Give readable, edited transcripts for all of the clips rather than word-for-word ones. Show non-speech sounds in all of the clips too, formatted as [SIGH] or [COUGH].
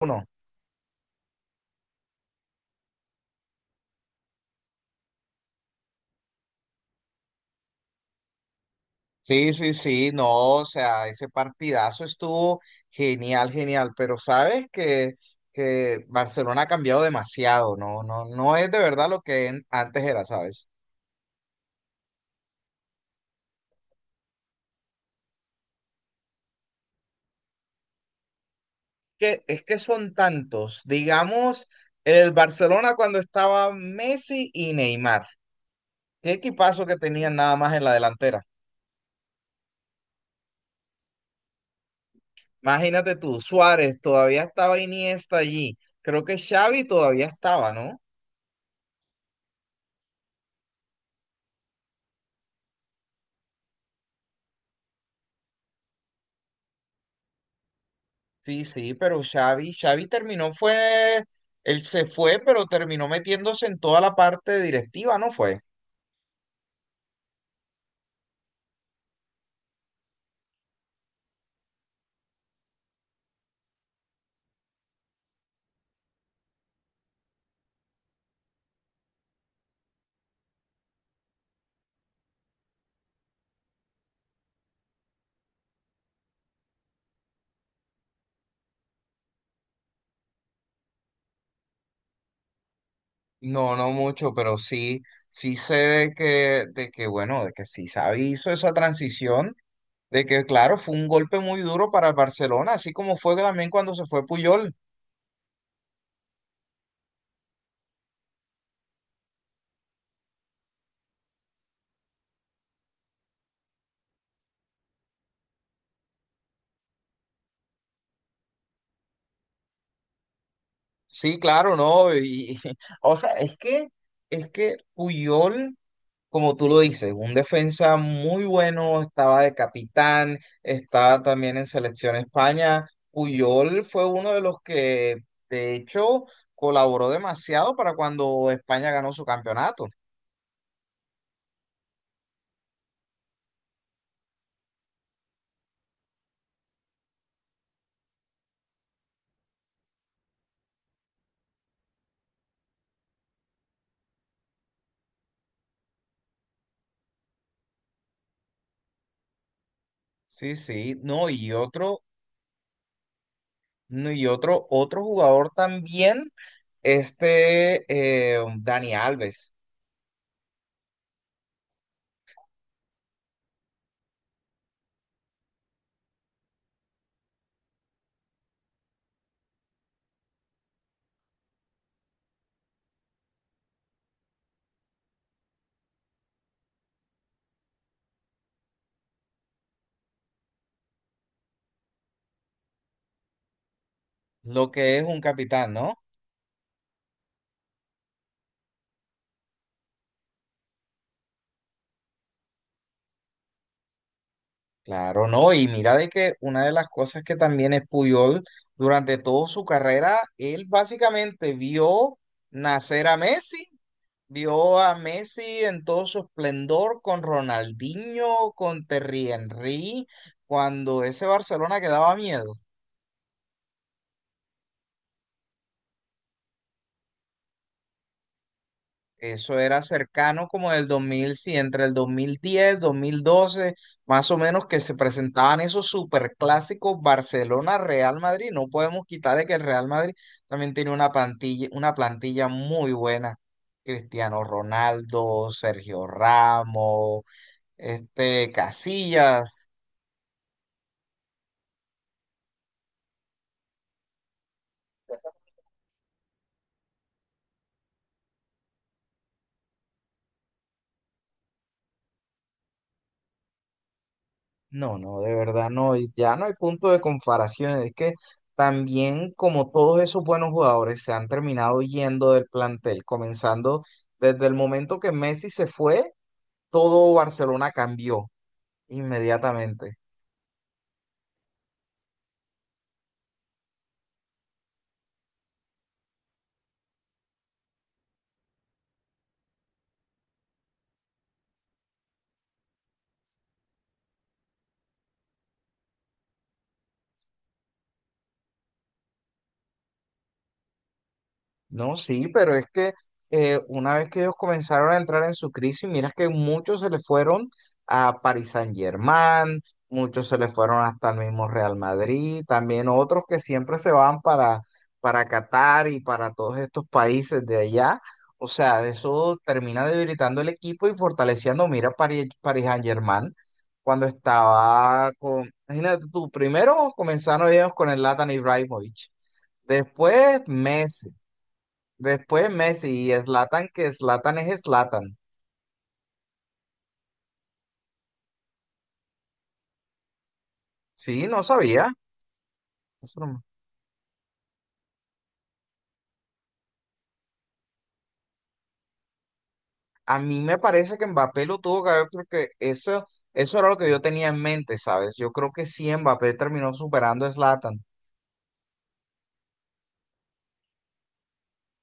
Uno. Sí, sí, sí, no, o sea, ese partidazo estuvo genial, genial, pero sabes que Barcelona ha cambiado demasiado, no, no, no es de verdad lo que antes era, ¿sabes? Que, es que son tantos, digamos, el Barcelona cuando estaba Messi y Neymar, qué equipazo que tenían nada más en la delantera. Imagínate tú, Suárez, todavía estaba Iniesta allí, creo que Xavi todavía estaba, ¿no? Sí, sí, pero Xavi terminó fue, él se fue, pero terminó metiéndose en toda la parte directiva, ¿no fue? No, no mucho, pero sí, sí sé bueno, de que sí Xavi hizo esa transición, de que, claro, fue un golpe muy duro para el Barcelona, así como fue también cuando se fue Puyol. Sí, claro, no, y, [LAUGHS] o sea, es que Puyol como tú lo dices, un defensa muy bueno, estaba de capitán, estaba también en Selección España. Puyol fue uno de los que, de hecho, colaboró demasiado para cuando España ganó su campeonato. Sí, sí, no, no, y otro jugador también, este Dani Alves, lo que es un capitán, ¿no? Claro, no, y mira de que una de las cosas que también es Puyol, durante toda su carrera, él básicamente vio nacer a Messi, vio a Messi en todo su esplendor con Ronaldinho, con Terry Henry, cuando ese Barcelona que daba miedo. Eso era cercano como del dos mil, sí, entre el 2010, 2012 más o menos, que se presentaban esos superclásicos Barcelona-Real Madrid. No podemos quitarle que el Real Madrid también tiene una plantilla muy buena. Cristiano Ronaldo, Sergio Ramos, este, Casillas. No, no, de verdad no, y ya no hay punto de comparación, es que también como todos esos buenos jugadores se han terminado yendo del plantel, comenzando desde el momento que Messi se fue, todo Barcelona cambió inmediatamente. No, sí, pero es que una vez que ellos comenzaron a entrar en su crisis, miras que muchos se le fueron a Paris Saint-Germain, muchos se le fueron hasta el mismo Real Madrid, también otros que siempre se van para, Qatar y para todos estos países de allá. O sea, eso termina debilitando el equipo y fortaleciendo. Mira, Paris Saint-Germain, cuando estaba con, imagínate tú, primero comenzaron ellos con el Zlatan Ibrahimovic. Después Messi, Después Messi y Zlatan, que Zlatan es Zlatan. Sí, no sabía. Eso no- A mí me parece que Mbappé lo tuvo que haber porque eso era lo que yo tenía en mente, ¿sabes? Yo creo que sí, Mbappé terminó superando a Zlatan,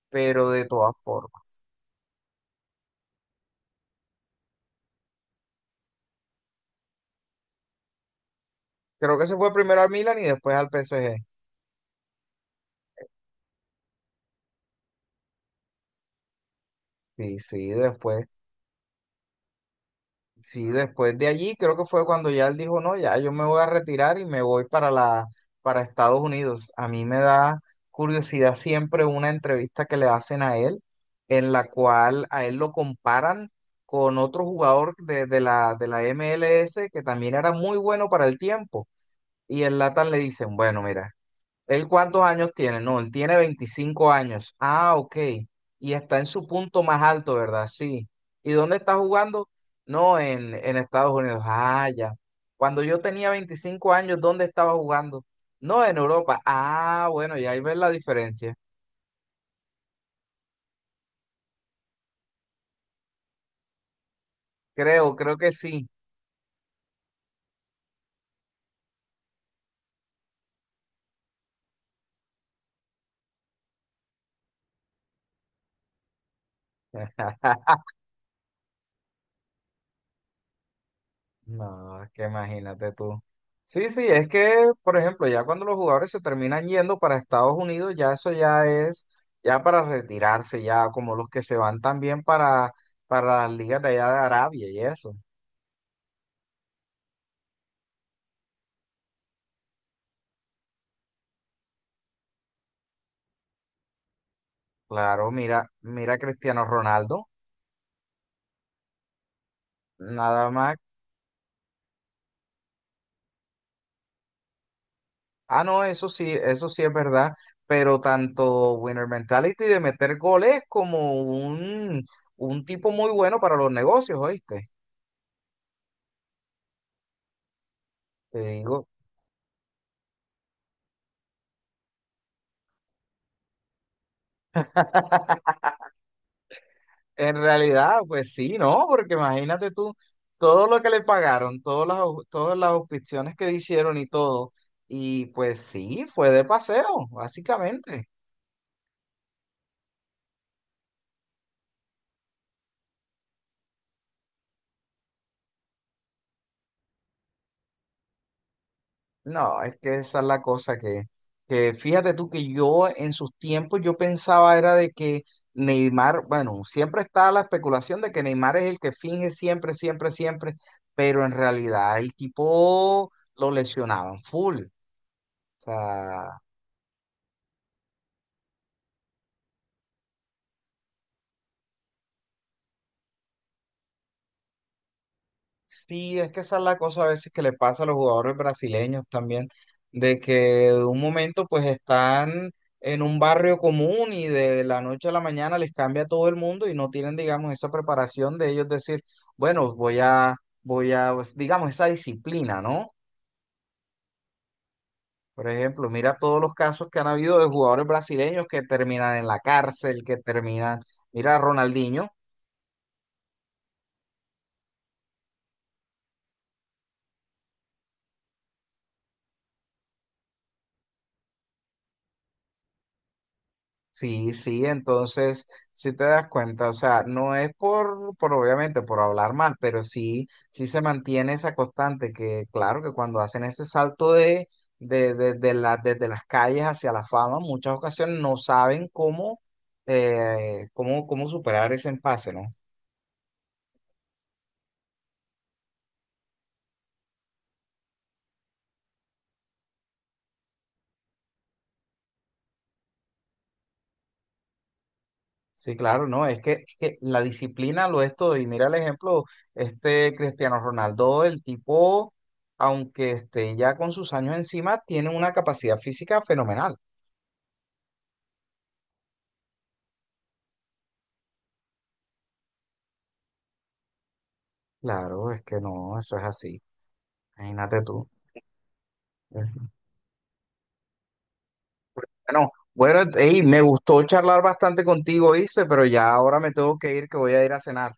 pero de todas formas. Creo que se fue primero al Milan y después al PSG. Sí, sí, después. Sí, después de allí creo que fue cuando ya él dijo, no, ya yo me voy a retirar y me voy para Estados Unidos. A mí me da curiosidad siempre una entrevista que le hacen a él, en la cual a él lo comparan con otro jugador de la MLS, que también era muy bueno para el tiempo. Y el Latam le dicen, bueno, mira. ¿Él cuántos años tiene? No, él tiene 25 años. Ah, ok. Y está en su punto más alto, ¿verdad? Sí. ¿Y dónde está jugando? No, en Estados Unidos. Ah, ya. Cuando yo tenía 25 años, ¿dónde estaba jugando? No, en Europa. Ah, bueno, y ahí ves la diferencia. Creo que sí. [LAUGHS] No, es que imagínate tú. Sí, sí, es que, por ejemplo, ya cuando los jugadores se terminan yendo para Estados Unidos, ya eso ya es, ya para retirarse, ya como los que se van también para las ligas de allá de Arabia y eso. Claro, mira a Cristiano Ronaldo, nada más. Ah, no, eso sí es verdad, pero tanto Winner Mentality de meter goles como un tipo muy bueno para los negocios, ¿oíste? Te digo. [LAUGHS] En realidad, pues sí, ¿no? Porque imagínate tú, todo lo que le pagaron, todas las auspiciones que le hicieron y todo, y pues sí, fue de paseo, básicamente. No, es que esa es la cosa que fíjate tú que yo en sus tiempos yo pensaba era de que Neymar, bueno, siempre está la especulación de que Neymar es el que finge siempre, siempre, siempre, pero en realidad el tipo lo lesionaban full. O sea, sí, es que esa es la cosa a veces que le pasa a los jugadores brasileños también, de que de un momento pues están en un barrio común y de la noche a la mañana les cambia todo el mundo y no tienen, digamos, esa preparación de ellos decir, bueno, pues, digamos, esa disciplina, ¿no? Por ejemplo, mira todos los casos que han habido de jugadores brasileños que terminan en la cárcel, que terminan, mira a Ronaldinho. Sí, sí, entonces, si te das cuenta, o sea, no es por, obviamente, por hablar mal, pero sí, sí se mantiene esa constante que, claro, que cuando hacen ese salto de, desde las calles hacia la fama, muchas ocasiones no saben cómo superar ese empase, ¿no? Sí, claro, no, es que la disciplina lo es todo. Y mira el ejemplo, este Cristiano Ronaldo, el tipo, aunque esté ya con sus años encima, tiene una capacidad física fenomenal. Claro, es que no, eso es así. Imagínate tú. Es- Bueno, bueno, ey, me gustó charlar bastante contigo, Ice, pero ya ahora me tengo que ir, que voy a ir a cenar.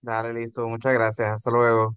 Dale, listo, muchas gracias, hasta luego.